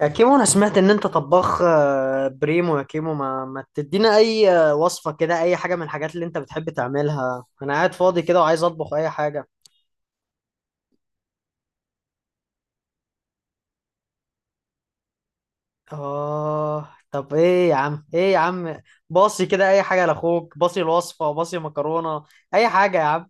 يا كيمو، انا سمعت ان انت طباخ بريمو. يا كيمو، ما تدينا اي وصفة كده، اي حاجة من الحاجات اللي انت بتحب تعملها. انا قاعد فاضي كده وعايز اطبخ اي حاجة. اه، طب ايه يا عم؟ ايه يا عم؟ باصي كده اي حاجة لاخوك. باصي الوصفة. باصي مكرونة. اي حاجة يا عم.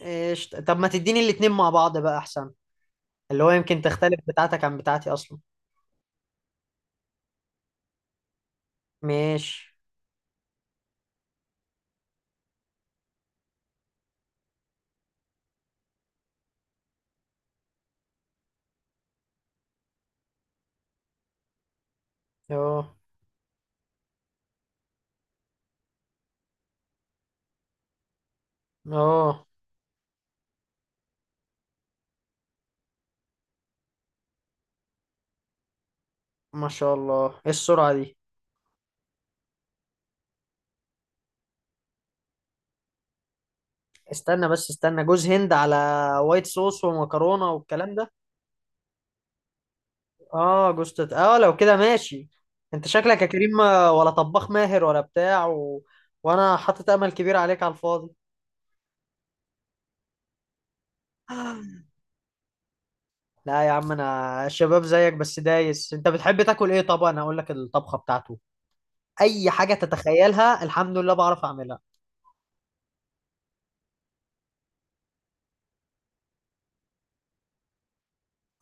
إيش؟ طب ما تديني الاتنين مع بعض بقى احسن. اللي هو يمكن تختلف بتاعتك عن بتاعتي اصلا. ماشي. اه، اه. ما شاء الله، ايه السرعة دي! استنى، بس استنى، جوز هند على وايت صوص ومكرونة والكلام ده؟ اه، جوز تت... اه لو كده ماشي. انت شكلك يا كريم ولا طباخ ماهر ولا بتاع وانا حاطط امل كبير عليك على الفاضي. لا يا عم، انا شباب زيك، بس دايس. انت بتحب تاكل ايه؟ طبعا انا اقول لك الطبخة بتاعته. اي حاجة تتخيلها، الحمد لله، بعرف اعملها.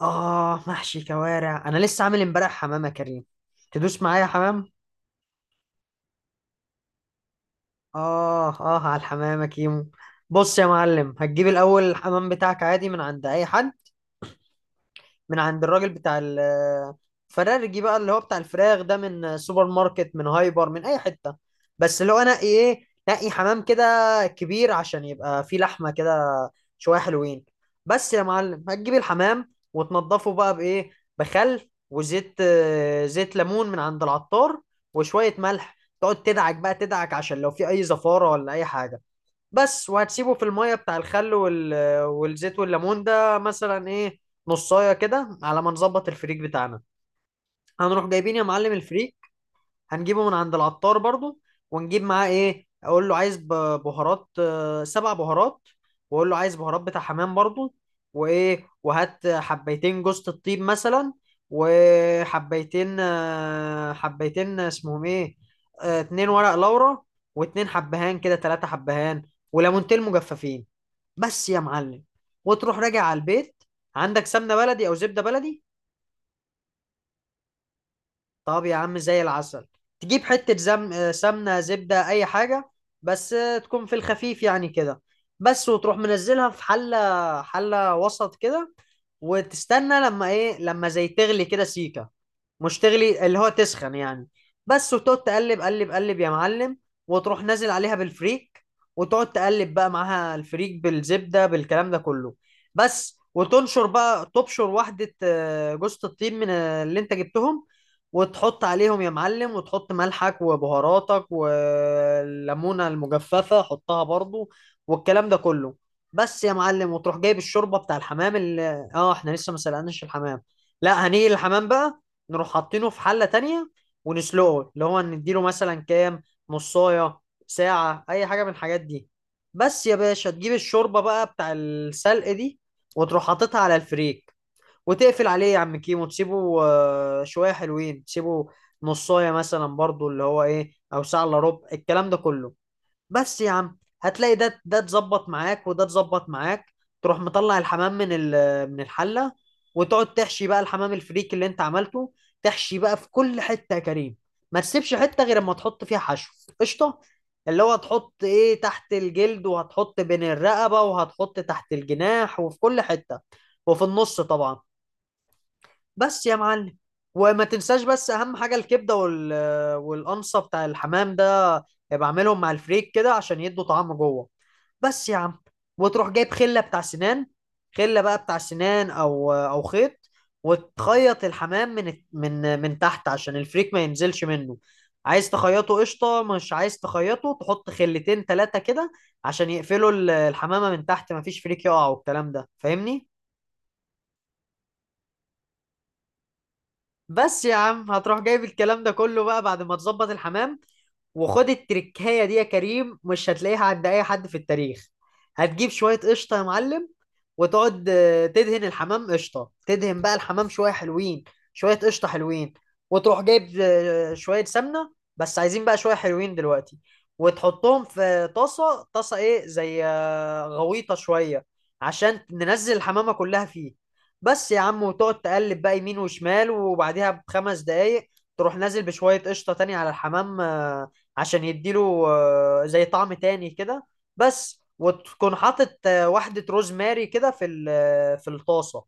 اه، محشي كوارع. انا لسه عامل امبارح حمام يا كريم. تدوس معايا حمام؟ آه، آه، على الحمام يا كيمو. بص يا معلم، هتجيب الأول الحمام بتاعك عادي من عند أي حد. من عند الراجل بتاع الفرارجي بقى، اللي هو بتاع الفراخ ده، من سوبر ماركت، من هايبر، من أي حتة. بس اللي هو نقي إيه، نقي حمام كده، كبير عشان يبقى فيه لحمة كده، شوية حلوين. بس يا معلم، هتجيب الحمام وتنضفه بقى بإيه؟ بخل وزيت، زيت ليمون من عند العطار، وشوية ملح. تقعد تدعك بقى تدعك، عشان لو في أي زفارة ولا أي حاجة. بس. وهتسيبه في المية بتاع الخل والزيت والليمون ده، مثلا ايه، نصاية كده، على ما نظبط الفريك بتاعنا. هنروح جايبين يا معلم الفريك. هنجيبه من عند العطار برضو. ونجيب معاه ايه؟ اقول له عايز بهارات، سبع بهارات. واقول له عايز بهارات بتاع حمام برضو. وايه، وهات حبيتين جوزة الطيب مثلا. وحبيتين آه، حبيتين اسمهم ايه؟ اتنين ورق لورا، واتنين حبهان كده، تلاتة حبهان، وليمونتين مجففين. بس يا معلم. وتروح راجع على البيت. عندك سمنه بلدي او زبده بلدي؟ طب يا عم، زي العسل. تجيب حتة زم... آه، سمنة زبدة أي حاجة، بس، تكون في الخفيف يعني كده. بس، وتروح منزلها في حلة، حلة وسط كده. وتستنى لما إيه، لما زي تغلي كده سيكة. مش تغلي، اللي هو تسخن يعني. بس، وتقعد تقلب قلب قلب يا معلم. وتروح نازل عليها بالفريك. وتقعد تقلب بقى معاها الفريك، بالزبدة، بالكلام ده كله. بس، وتنشر بقى تبشر واحدة، جوزة الطيب من اللي انت جبتهم، وتحط عليهم يا معلم، وتحط ملحك وبهاراتك، والليمونة المجففة حطها برضو، والكلام ده كله. بس يا معلم، وتروح جايب الشوربة بتاع الحمام اللي احنا لسه ما سلقناش الحمام. لا، هنيجي الحمام بقى. نروح حاطينه في حلة تانية، ونسلقه، اللي هو نديله مثلا كام؟ نصاية، ساعة، أي حاجة من الحاجات دي. بس يا باشا، تجيب الشوربة بقى بتاع السلق دي، وتروح حاططها على الفريك، وتقفل عليه يا عم كيمو. تسيبه شوية حلوين، تسيبه نصاية مثلا برضو، اللي هو ايه، او ساعة الا ربع، الكلام ده كله. بس يا عم، هتلاقي ده اتظبط معاك وده اتظبط معاك. تروح مطلع الحمام من الحلة، وتقعد تحشي بقى الحمام الفريك اللي انت عملته. تحشي بقى في كل حتة يا كريم، ما تسيبش حتة غير اما تحط فيها حشو. قشطة. اللي هو هتحط ايه تحت الجلد، وهتحط بين الرقبة، وهتحط تحت الجناح، وفي كل حتة، وفي النص طبعا. بس يا معلم. وما تنساش بس اهم حاجه الكبده والقنصه بتاع الحمام ده، بعملهم مع الفريك كده عشان يدوا طعم جوه. بس يا عم. وتروح جايب خله بتاع سنان، خله بقى بتاع سنان، او خيط. وتخيط الحمام من تحت، عشان الفريك ما ينزلش منه. عايز تخيطه قشطه، مش عايز تخيطه تحط خلتين ثلاثه كده، عشان يقفلوا الحمامه من تحت، ما فيش فريك يقع والكلام ده، فاهمني؟ بس يا عم، هتروح جايب الكلام ده كله بقى بعد ما تظبط الحمام. وخد التركايه دي يا كريم، مش هتلاقيها عند اي حد في التاريخ. هتجيب شويه قشطه يا معلم، وتقعد تدهن الحمام قشطه، تدهن بقى الحمام شويه حلوين، شويه قشطه حلوين. وتروح جايب شويه سمنه، بس عايزين بقى شويه حلوين دلوقتي، وتحطهم في طاسه، طاسه ايه، زي غويطه شويه، عشان ننزل الحمامه كلها فيه. بس يا عم، وتقعد تقلب بقى يمين وشمال، وبعديها ب5 دقايق تروح نازل بشويه قشطه تاني على الحمام، عشان يديله زي طعم تاني كده. بس، وتكون حاطط واحدة روزماري كده في في الطاسة.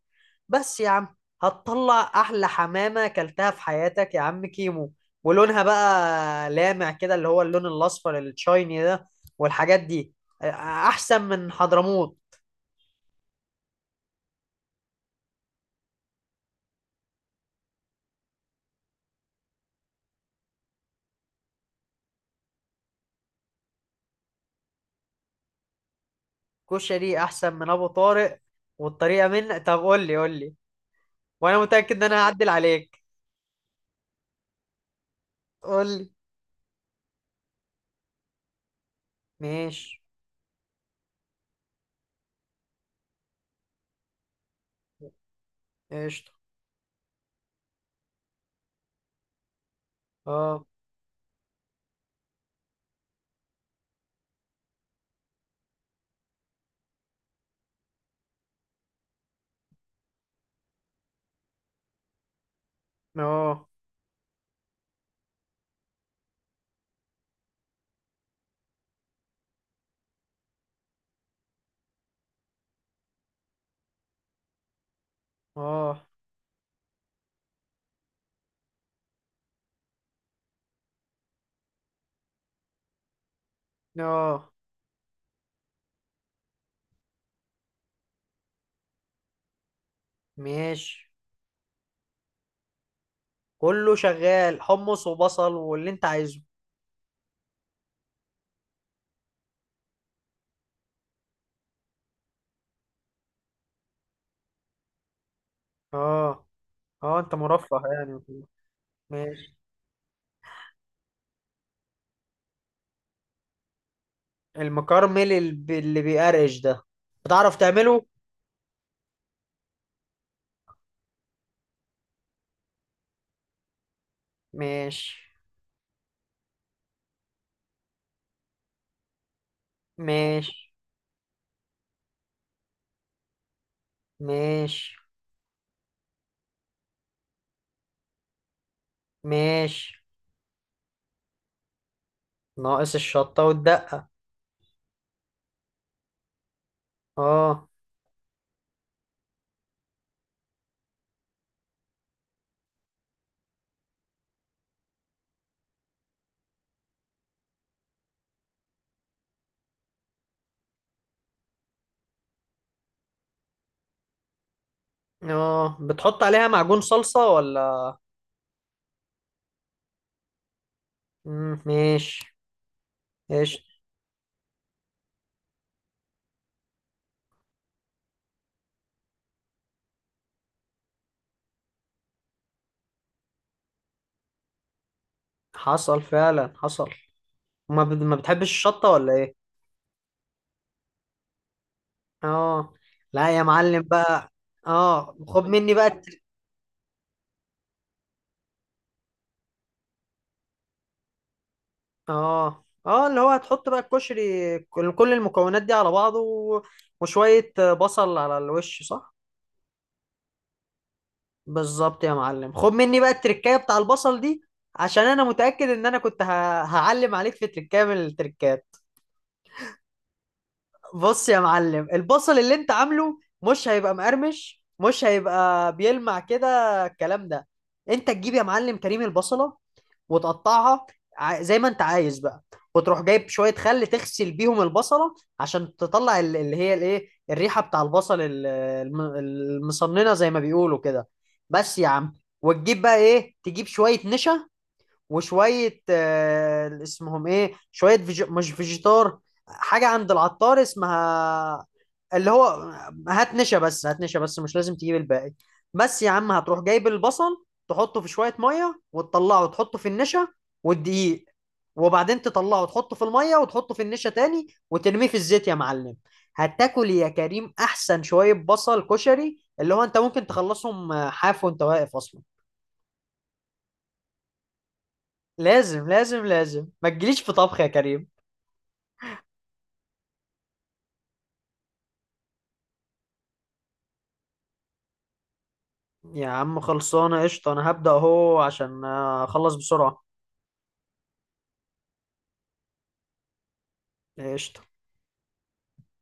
بس يا عم، هتطلع أحلى حمامة أكلتها في حياتك يا عم كيمو. ولونها بقى لامع كده، اللي هو اللون الأصفر التشايني ده، والحاجات دي. آه، أحسن من حضرموت. كشري أحسن من أبو طارق، والطريقة طب قول لي، قول لي. وأنا متأكد إن أنا هعدل عليك. قول لي. ماشي. قشطة. اه، اه، اه، اه. ماشي. كله شغال، حمص وبصل واللي انت عايزه. اه، اه، انت مرفه يعني وكده. ماشي. المكرمل اللي بيقرقش ده. بتعرف تعمله؟ ماشي. ماشي. ماشي. ماشي. ناقص الشطة والدقة. اه، اه، بتحط عليها معجون صلصة ولا؟ مم. ماشي. ايش؟ حصل فعلا، حصل. ما بتحبش الشطة ولا ايه؟ اه. لا يا معلم بقى. اه، خد مني بقى اه، اه، اللي هو هتحط بقى الكشري، كل المكونات دي على بعضه وشوية بصل على الوش، صح؟ بالظبط يا معلم، خد مني بقى التركاية بتاع البصل دي. عشان انا متأكد ان انا كنت هعلم عليك في تركاية من التركات. بص يا معلم، البصل اللي انت عامله مش هيبقى مقرمش، مش هيبقى بيلمع كده، الكلام ده. انت تجيب يا معلم كريم البصلة وتقطعها زي ما انت عايز بقى. وتروح جايب شوية خل تغسل بيهم البصلة، عشان تطلع اللي هي الايه، الريحة بتاع البصل المصننة زي ما بيقولوا كده. بس يا عم، وتجيب بقى ايه، تجيب شوية نشا، وشوية اسمهم ايه، شوية مش فيجيتار، حاجة عند العطار اسمها. اللي هو هات نشا بس، هات نشا بس، مش لازم تجيب الباقي. بس يا عم، هتروح جايب البصل، تحطه في شوية مية وتطلعه وتحطه في النشا والدقيق، وبعدين تطلعه وتحطه في المية، وتحطه في النشا تاني، وترميه في الزيت يا معلم. هتاكل يا كريم احسن شوية بصل كشري، اللي هو انت ممكن تخلصهم حاف وانت واقف اصلا. لازم، لازم، لازم ما تجيليش في طبخ يا كريم. يا عم، خلصانه قشطه، انا هبدأ اهو عشان اخلص بسرعه. قشطه.